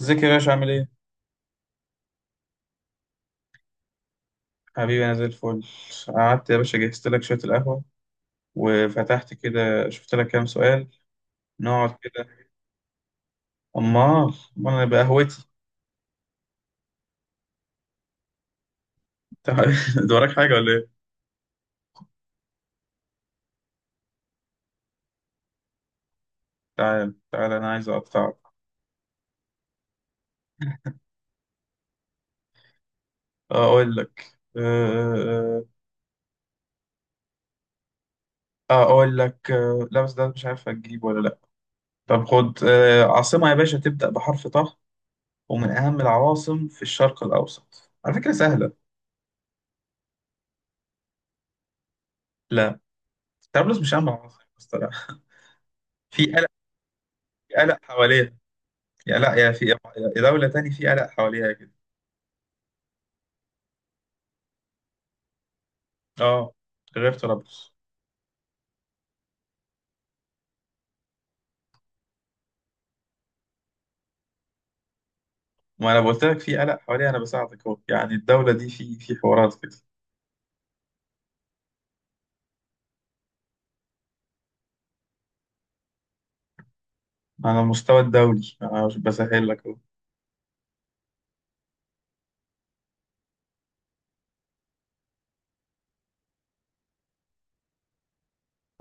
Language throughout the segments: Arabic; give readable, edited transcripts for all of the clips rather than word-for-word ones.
ازيك يا باشا عامل ايه؟ حبيبي انا زي الفل. قعدت يا باشا جهزت لك شوية القهوة وفتحت كده شفت لك كام سؤال. نقعد كده. امال امال انا بقهوتي. تعال. ده وراك حاجة ولا ايه؟ تعال تعال انا عايز اقطعك. آه، اقول لك آه، آه، اقول لك آه، لا بس ده مش عارف هتجيب ولا لا. طب خد عاصمة يا باشا تبدأ بحرف طه، ومن اهم العواصم في الشرق الاوسط، على فكرة سهلة. لا. طرابلس مش اهم عاصمة بس طلع. في قلق في قلق حواليها. يا لا يا في يا دولة تاني في قلق حواليها كده. اه. غير طرابلس. ما انا قلت لك في قلق حواليها، انا بساعدك اهو، يعني الدولة دي في حوارات كده على المستوى الدولي، انا مش بسهل لك اهو.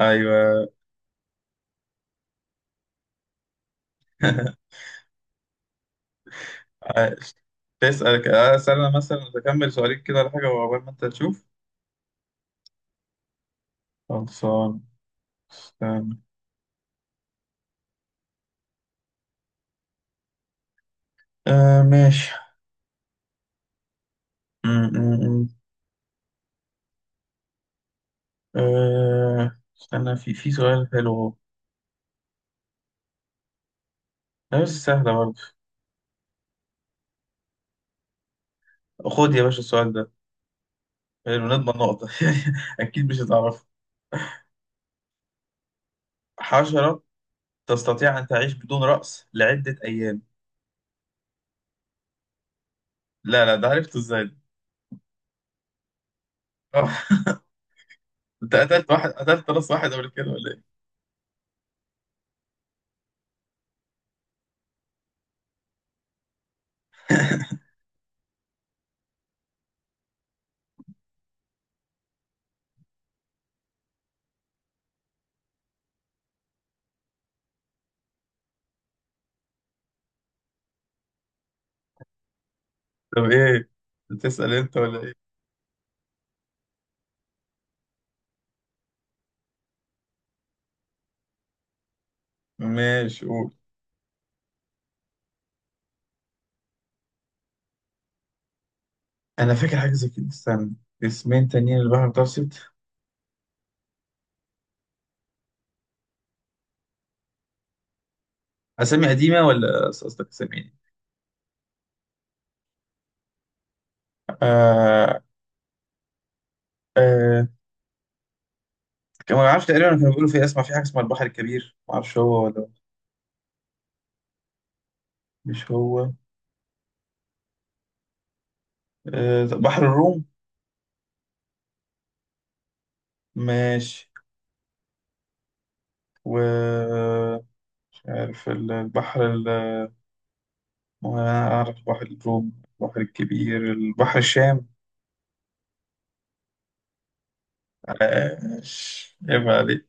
ايوه. عايش. اسأل انا مثلا، اكمل سؤالين كده ولا حاجة وعقبال ما انت تشوف. خلصان. استنى. آه ماشي. م- م- م. آه استنى، في سؤال حلو اهو. لا، بس سهلة برضه. خد يا باشا السؤال ده، حلو نضمن نقطة. أكيد مش هتعرف. حشرة تستطيع أن تعيش بدون رأس لعدة أيام. لا لا، ده عرفته إزاي ده؟ آه. أنت قتلت راس واحد قبل كده ولا إيه؟ طب إيه؟ بتسأل أنت ولا إيه؟ ماشي قول. أنا فاكر حاجة زي كده، استنى. اسمين تانيين للبحر المتوسط. أسامي قديمة ولا قصدك أسامي إيه؟ آه آه. كان ما أعرفش، تقريبا كانوا بيقولوا في، اسمع في حاجة اسمها البحر الكبير، ما أعرفش هو ولا. مش هو. آه، بحر الروم. ماشي. و مش عارف البحر. وأنا أعرف بحر الروم، البحر الكبير، البحر الشام. آه، عيب عليك.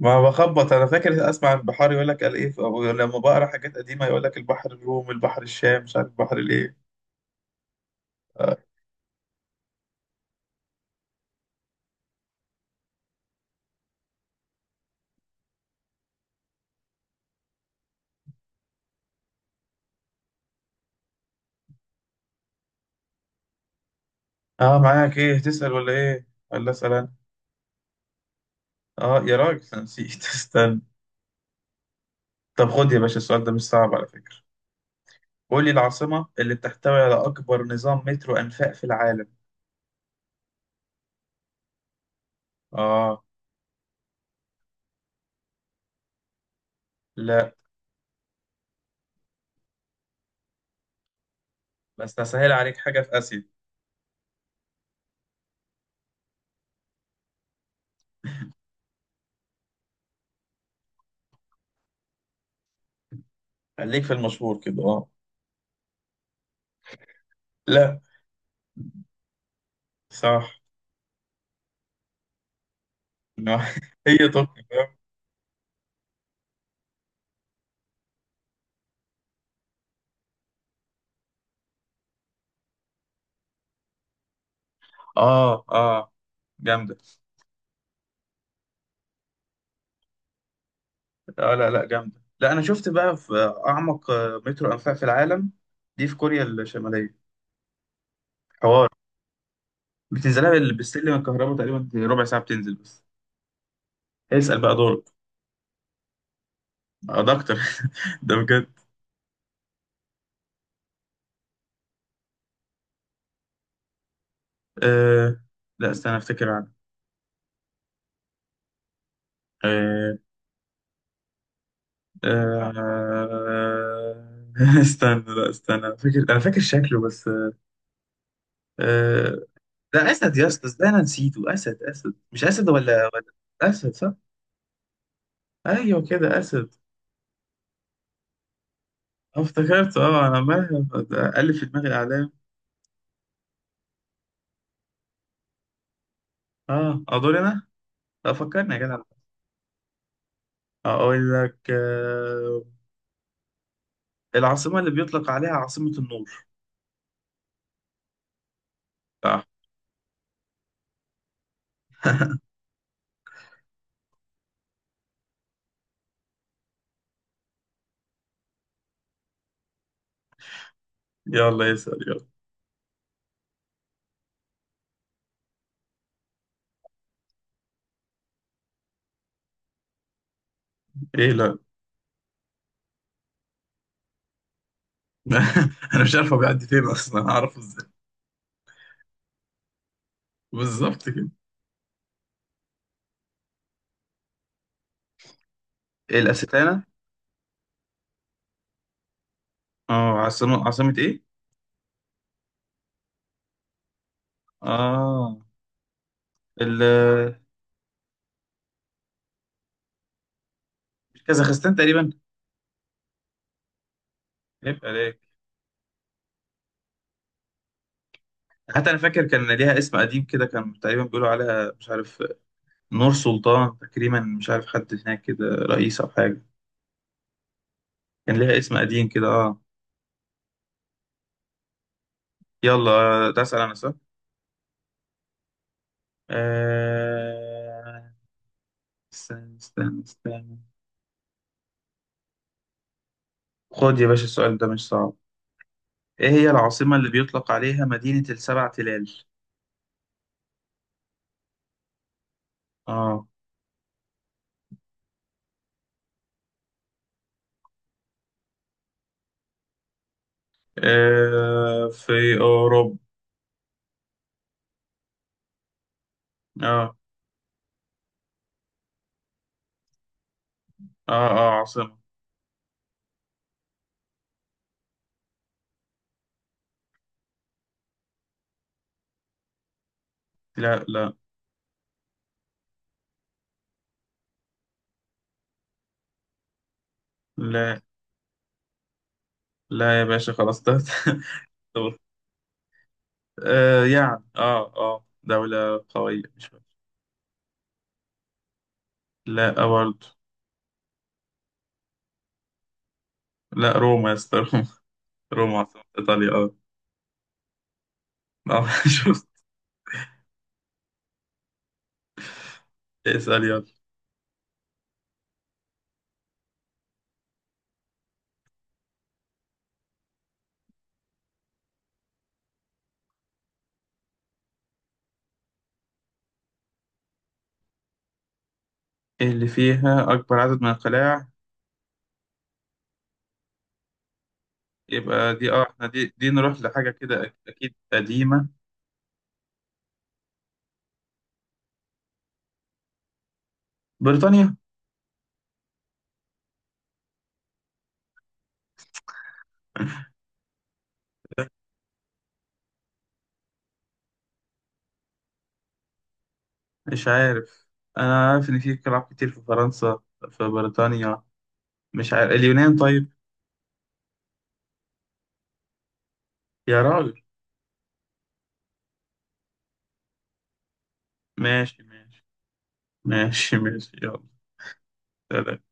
ما بخبط، أنا فاكر أسمع البحار يقول لك قال إيه، أو لما بقرا حاجات قديمة يقول لك البحر الروم، البحر الشام، مش عارف البحر الإيه. آه. آه، معاك إيه، تسأل ولا إيه، ولا أسأل أنا؟ آه يا راجل، أنا نسيت. استنى. طب خد يا باشا السؤال ده، مش صعب على فكرة. قول لي العاصمة اللي بتحتوي على أكبر نظام مترو أنفاق في العالم. آه. لا، بس أسهل عليك، حاجة في آسيا. خليك في المشهور كده، آه. لا. صح. هي تقني فاهم. اه اه. جامده. اه، لا لا جامده، لا انا شفت بقى في اعمق مترو انفاق في العالم. دي في كوريا الشماليه. حوار. بتنزلها بالسلم الكهرباء تقريبا ربع ساعه بتنزل بس. اسال بقى، دورك. آه، ده اكتر. ده بجد. آه. لا استنى افتكر عنه. آه. آه. استنى، لا استنى، فاكر انا فاكر شكله بس. آه. ده اسد يا اسطى، ده انا نسيته، اسد اسد، مش اسد ولا اسد صح. ايوه كده، اسد. آه، افتكرت. اه انا عمال الف في دماغي الاعلام. اه ادور انا. لا، فكرني يا جدع. اقول لك آه، العاصمه اللي بيطلق عليها عاصمه النور. صح. يلا اسال يلا. ايه لا. انا مش عارف هو بيعدي فين اصلا، هعرفه ازاي؟ بالظبط كده. الاستانه. اه، عاصمه عاصمه ايه. اه. ال كازاخستان تقريبا. عيب عليك. حتى انا فاكر كان ليها اسم قديم كده، كان تقريبا بيقولوا عليها مش عارف، نور سلطان تقريبا، مش عارف حد هناك كده رئيس أو حاجة. كان ليها اسم قديم كده، اه. يلا ده أسأل أنا، صح؟ آه، استنى استنى استنى. خد يا باشا السؤال ده، مش صعب. إيه هي العاصمة اللي بيطلق عليها مدينة السبع تلال؟ اه. آه، في أوروبا. اه اه اه، عاصمة. لا لا لا لا يا باشا خلاص ده. طب. يعني دولة قوية، مش فاكر. لا، برضه. لا، روما يا اسطى. روما عاصمة إيطاليا، أه. آه. شوف. اسأل يلا. إيه اللي فيها أكبر عدد من القلاع؟ يبقى دي، إحنا دي، نروح لحاجة كده أكيد قديمة. بريطانيا. مش عارف. أنا عارف إن في قلاع كتير في فرنسا، في بريطانيا، مش عارف، اليونان طيب. يا راجل. ماشي ماشي. ماشي ماشي يلا، سلام.